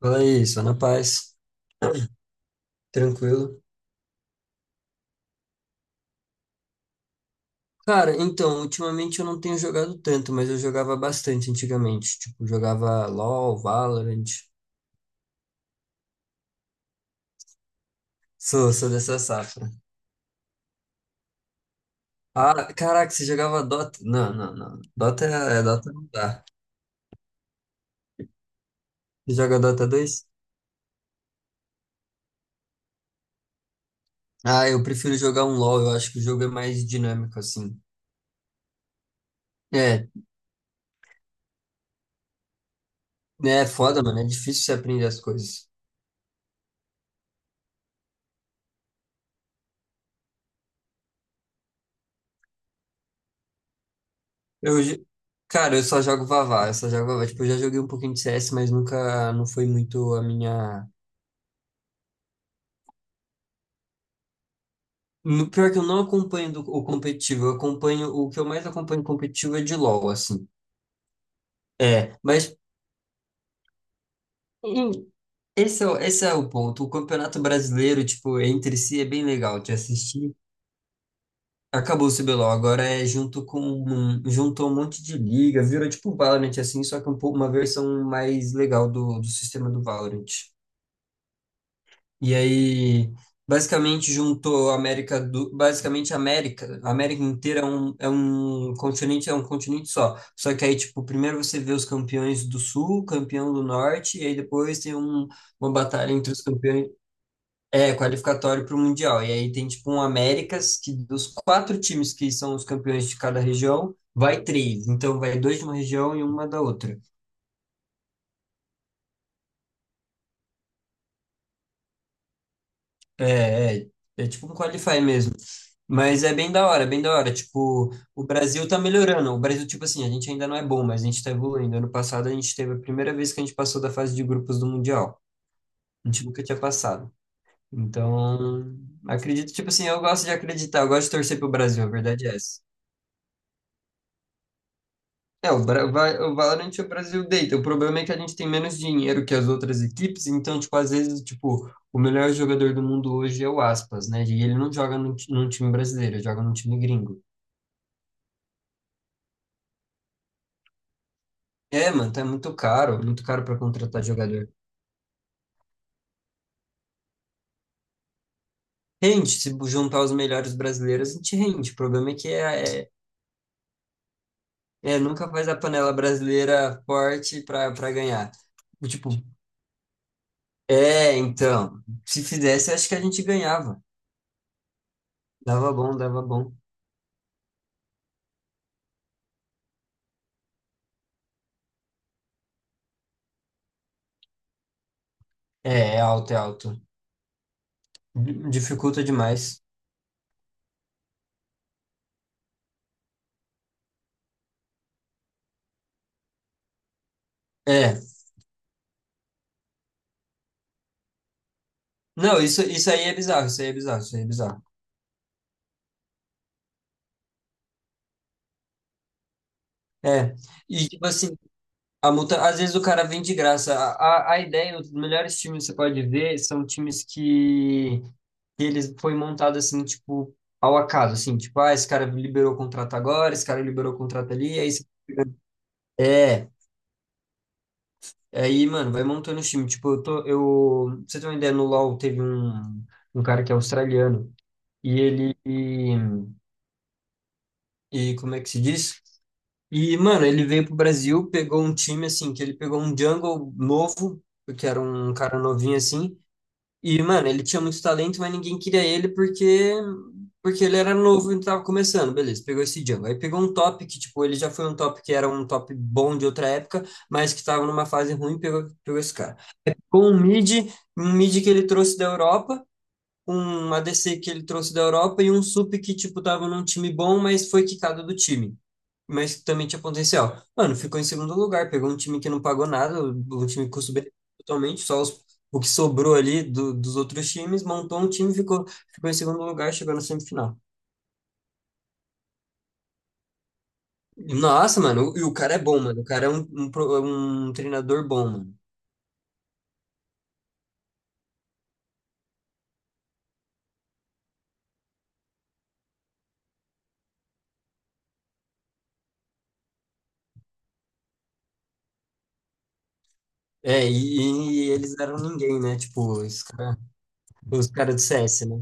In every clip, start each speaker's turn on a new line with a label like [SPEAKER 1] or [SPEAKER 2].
[SPEAKER 1] Fala aí, só na paz, tranquilo. Cara, então, ultimamente eu não tenho jogado tanto, mas eu jogava bastante antigamente. Tipo, jogava LoL, Valorant. Sou dessa safra. Ah, caraca, você jogava Dota? Não, não, não. Dota é Dota não dá. Você joga Dota 2? Ah, eu prefiro jogar um LoL, eu acho que o jogo é mais dinâmico, assim. É, é foda, mano, é difícil você aprender as coisas. Eu, jo- Cara, eu só jogo Vavá, eu só jogo Vavá. Tipo, eu já joguei um pouquinho de CS, mas nunca, não foi muito a minha. Pior que eu não acompanho o competitivo, eu acompanho, o que eu mais acompanho competitivo é de LoL, assim. É, mas em- esse é o ponto. O Campeonato Brasileiro, tipo, entre si é bem legal de assistir. Acabou o CBLOL, agora é junto com, juntou um monte de liga, virou tipo Valorant, assim, só que um pouco, uma versão mais legal do sistema do Valorant. E aí, basicamente, juntou basicamente a América inteira é um continente só. Só que aí, tipo, primeiro você vê os campeões do Sul, campeão do Norte, e aí depois tem uma batalha entre os campeões, é, qualificatório para o Mundial. E aí tem, tipo, um Américas, que dos quatro times que são os campeões de cada região, vai três. Então, vai dois de uma região e uma da outra. É, é, é tipo um qualify mesmo. Mas é bem da hora, bem da hora. Tipo, o Brasil tá melhorando. O Brasil, tipo assim, a gente ainda não é bom, mas a gente tá evoluindo. Ano passado a gente teve a primeira vez que a gente passou da fase de grupos do Mundial. A gente nunca tinha passado. Então, acredito, tipo assim, eu gosto de acreditar, eu gosto de torcer pro Brasil, a verdade é essa. É, o Valorant é o Brasil deita. O problema é que a gente tem menos dinheiro que as outras equipes, então, tipo, às vezes, tipo, o melhor jogador do mundo hoje é o Aspas, né? E ele não joga num time brasileiro, ele joga num time gringo. É, mano, tá muito caro pra contratar jogador. Rende, se juntar os melhores brasileiros, a gente rende. O problema é que nunca faz a panela brasileira forte pra ganhar. Tipo, é, então, se fizesse, acho que a gente ganhava. Dava bom, dava bom. É, é alto, é alto. Dificulta demais. É. Não, isso aí é bizarro, isso aí é bizarro, isso aí é bizarro. É. E, tipo assim, a multa, às vezes o cara vem de graça. A ideia, os melhores times que você pode ver são times que eles foi montado assim, tipo, ao acaso, assim, tipo, ah, esse cara liberou o contrato agora, esse cara liberou o contrato ali. É. Aí, mano, vai montando o time. Tipo, pra você ter uma ideia, no LoL teve um cara que é australiano e ele, e como é que se diz? E, mano, ele veio pro Brasil, pegou um time, assim, que ele pegou um jungle novo, que era um cara novinho, assim. E, mano, ele tinha muito talento, mas ninguém queria ele porque ele era novo e tava começando, beleza, pegou esse jungle. Aí pegou um top que, tipo, ele já foi um top que era um top bom de outra época, mas que tava numa fase ruim, pegou esse cara. Com um mid que ele trouxe da Europa, um ADC que ele trouxe da Europa e um sup que, tipo, tava num time bom, mas foi quicado do time mas também tinha potencial. Mano, ficou em segundo lugar, pegou um time que não pagou nada, um time que custo-benefício totalmente, só o que sobrou ali dos outros times, montou um time, ficou em segundo lugar, chegou na semifinal. Nossa, mano, e o cara é bom, mano. O cara é um treinador bom, mano. É, e eles eram ninguém, né? Tipo, os cara do CS, né?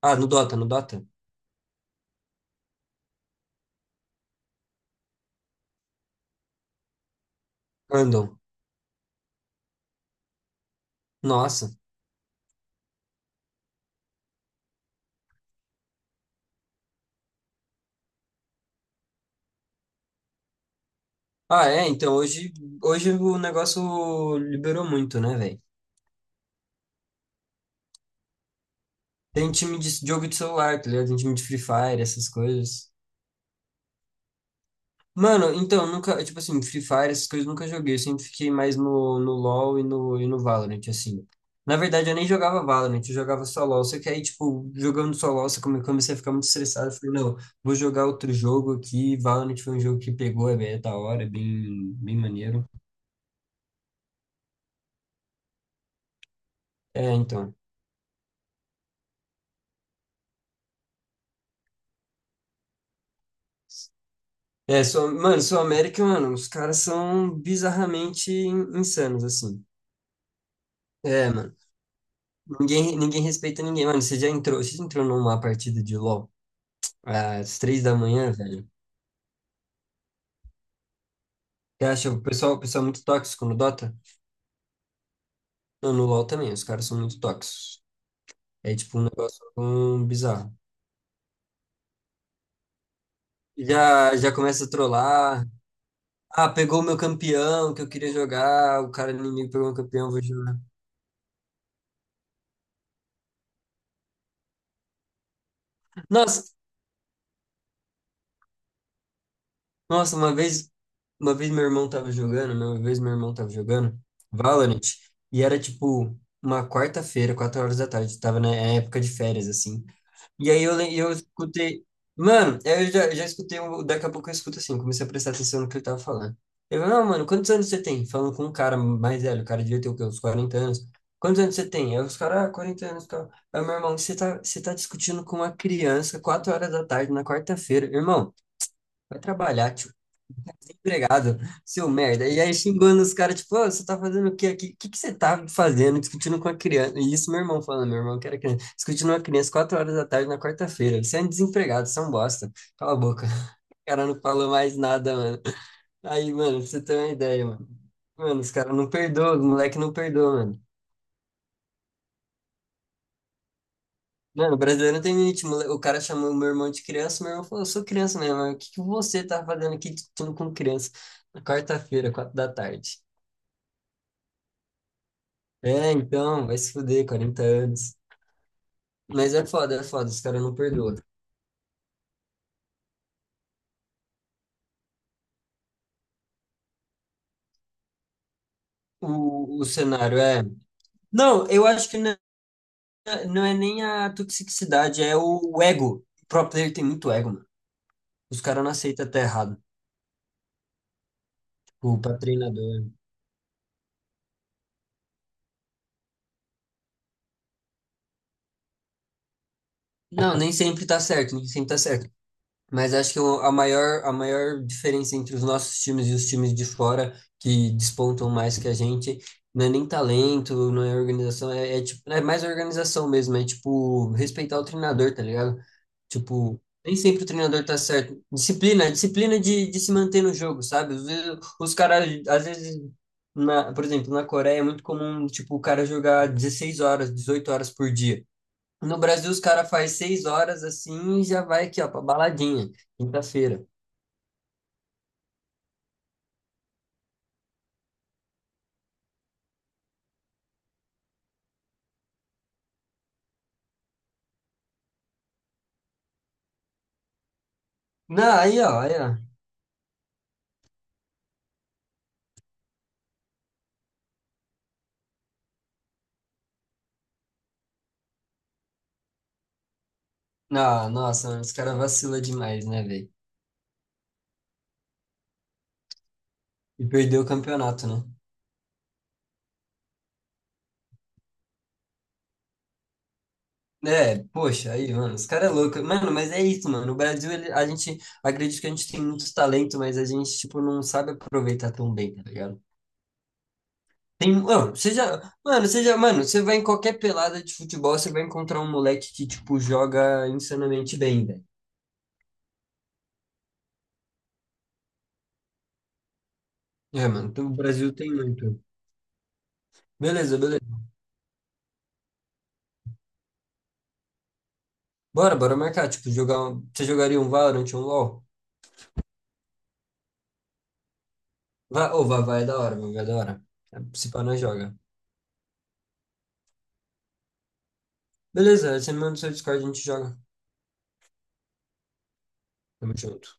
[SPEAKER 1] Ah, no Dota? Andam. Nossa. Ah, é, então hoje o negócio liberou muito, né, velho? Tem time de jogo de celular, tá ligado? Tem time de Free Fire, essas coisas. Mano, então, nunca, tipo assim, Free Fire, essas coisas eu nunca joguei. Eu sempre fiquei mais no LoL e no Valorant, assim. Na verdade, eu nem jogava Valorant, eu jogava só LoL. Só que aí, tipo, jogando só LoL, comecei a ficar muito estressado. Eu falei, não, vou jogar outro jogo aqui. Valorant foi um jogo que pegou, é bem é da hora, é bem, bem maneiro. É, então. É, sou, mano, sou América, mano, os caras são bizarramente insanos, assim. É, mano. Ninguém respeita ninguém, mano. Você já entrou numa partida de LoL às 3 da manhã, velho? Você acha o pessoal é muito tóxico no Dota? Não, no LoL também, os caras são muito tóxicos. É tipo um negócio bizarro. Já começa a trollar. Ah, pegou o meu campeão que eu queria jogar. O cara inimigo pegou meu campeão, vou jogar. Nossa, nossa, uma vez meu irmão tava jogando, né? uma vez meu irmão tava jogando Valorant, e era tipo uma quarta-feira, 4 horas da tarde, tava na época de férias, assim. E aí eu escutei. Mano, eu já escutei. Daqui a pouco eu escuto assim, comecei a prestar atenção no que ele tava falando. Ele falou, não, mano, quantos anos você tem? Falando com um cara mais velho, o cara devia ter o quê? Uns 40 anos. Quantos anos você tem? Aí os caras, ah, 40 anos, cara. Aí, meu irmão, você tá discutindo com uma criança, 4 horas da tarde, na quarta-feira. Irmão, vai trabalhar, tio. Empregado, seu merda. E aí xingando os caras, tipo, "Ô, você tá fazendo o que aqui? O que que você tá fazendo? Discutindo com a criança. E isso meu irmão falando, meu irmão que era criança. Discutindo com a criança 4 horas da tarde na quarta-feira. Você é um desempregado, você é um bosta. Cala a boca." O cara não falou mais nada, mano. Aí, mano, pra você ter uma ideia, mano. Mano, os caras não perdoam, os moleque não perdoa, mano. Mano, o brasileiro não tem limite. O cara chamou meu irmão de criança, meu irmão falou, eu sou criança mesmo. Mas o que que você tá fazendo aqui discutindo com criança? Na quarta-feira, 4 da tarde. É, então, vai se fuder, 40 anos. Mas é foda, os caras não perdoam. O cenário é. Não, eu acho que não, não é nem a toxicidade, é o ego. O pro player tem muito ego, mano. Os caras não aceitam até errado. O pra treinador. Não, nem sempre tá certo, nem sempre tá certo. Mas acho que a maior diferença entre os nossos times e os times de fora que despontam mais que a gente não é nem talento, não é organização, é tipo, é mais organização mesmo, é tipo respeitar o treinador, tá ligado? Tipo, nem sempre o treinador tá certo. Disciplina de se manter no jogo, sabe? Às vezes, os caras, às vezes, na, por exemplo, na Coreia é muito comum, tipo, o cara jogar 16 horas, 18 horas por dia. No Brasil, os caras faz 6 horas assim e já vai aqui, ó, pra baladinha, quinta-feira. Não, aí, ó, aí, ó. Não, nossa, os caras vacila demais, né, velho? E perdeu o campeonato, né? É, poxa, aí, mano, os caras é louco. Mano, mas é isso, mano. No Brasil, a gente, acredito que a gente tem muito talento, mas a gente, tipo, não sabe aproveitar tão bem, tá ligado? Tem, mano, você vai em qualquer pelada de futebol, você vai encontrar um moleque que, tipo, joga insanamente bem, velho. É, mano, então o Brasil tem muito. Beleza, beleza. Bora, bora marcar. Tipo, jogar um. Você jogaria um Valorant, um LoL? Vai, ou vai, vai, é da hora, mano, vai, é da hora. É, se pá, nós joga. Beleza, você me manda o seu Discord, a gente joga. Tamo junto.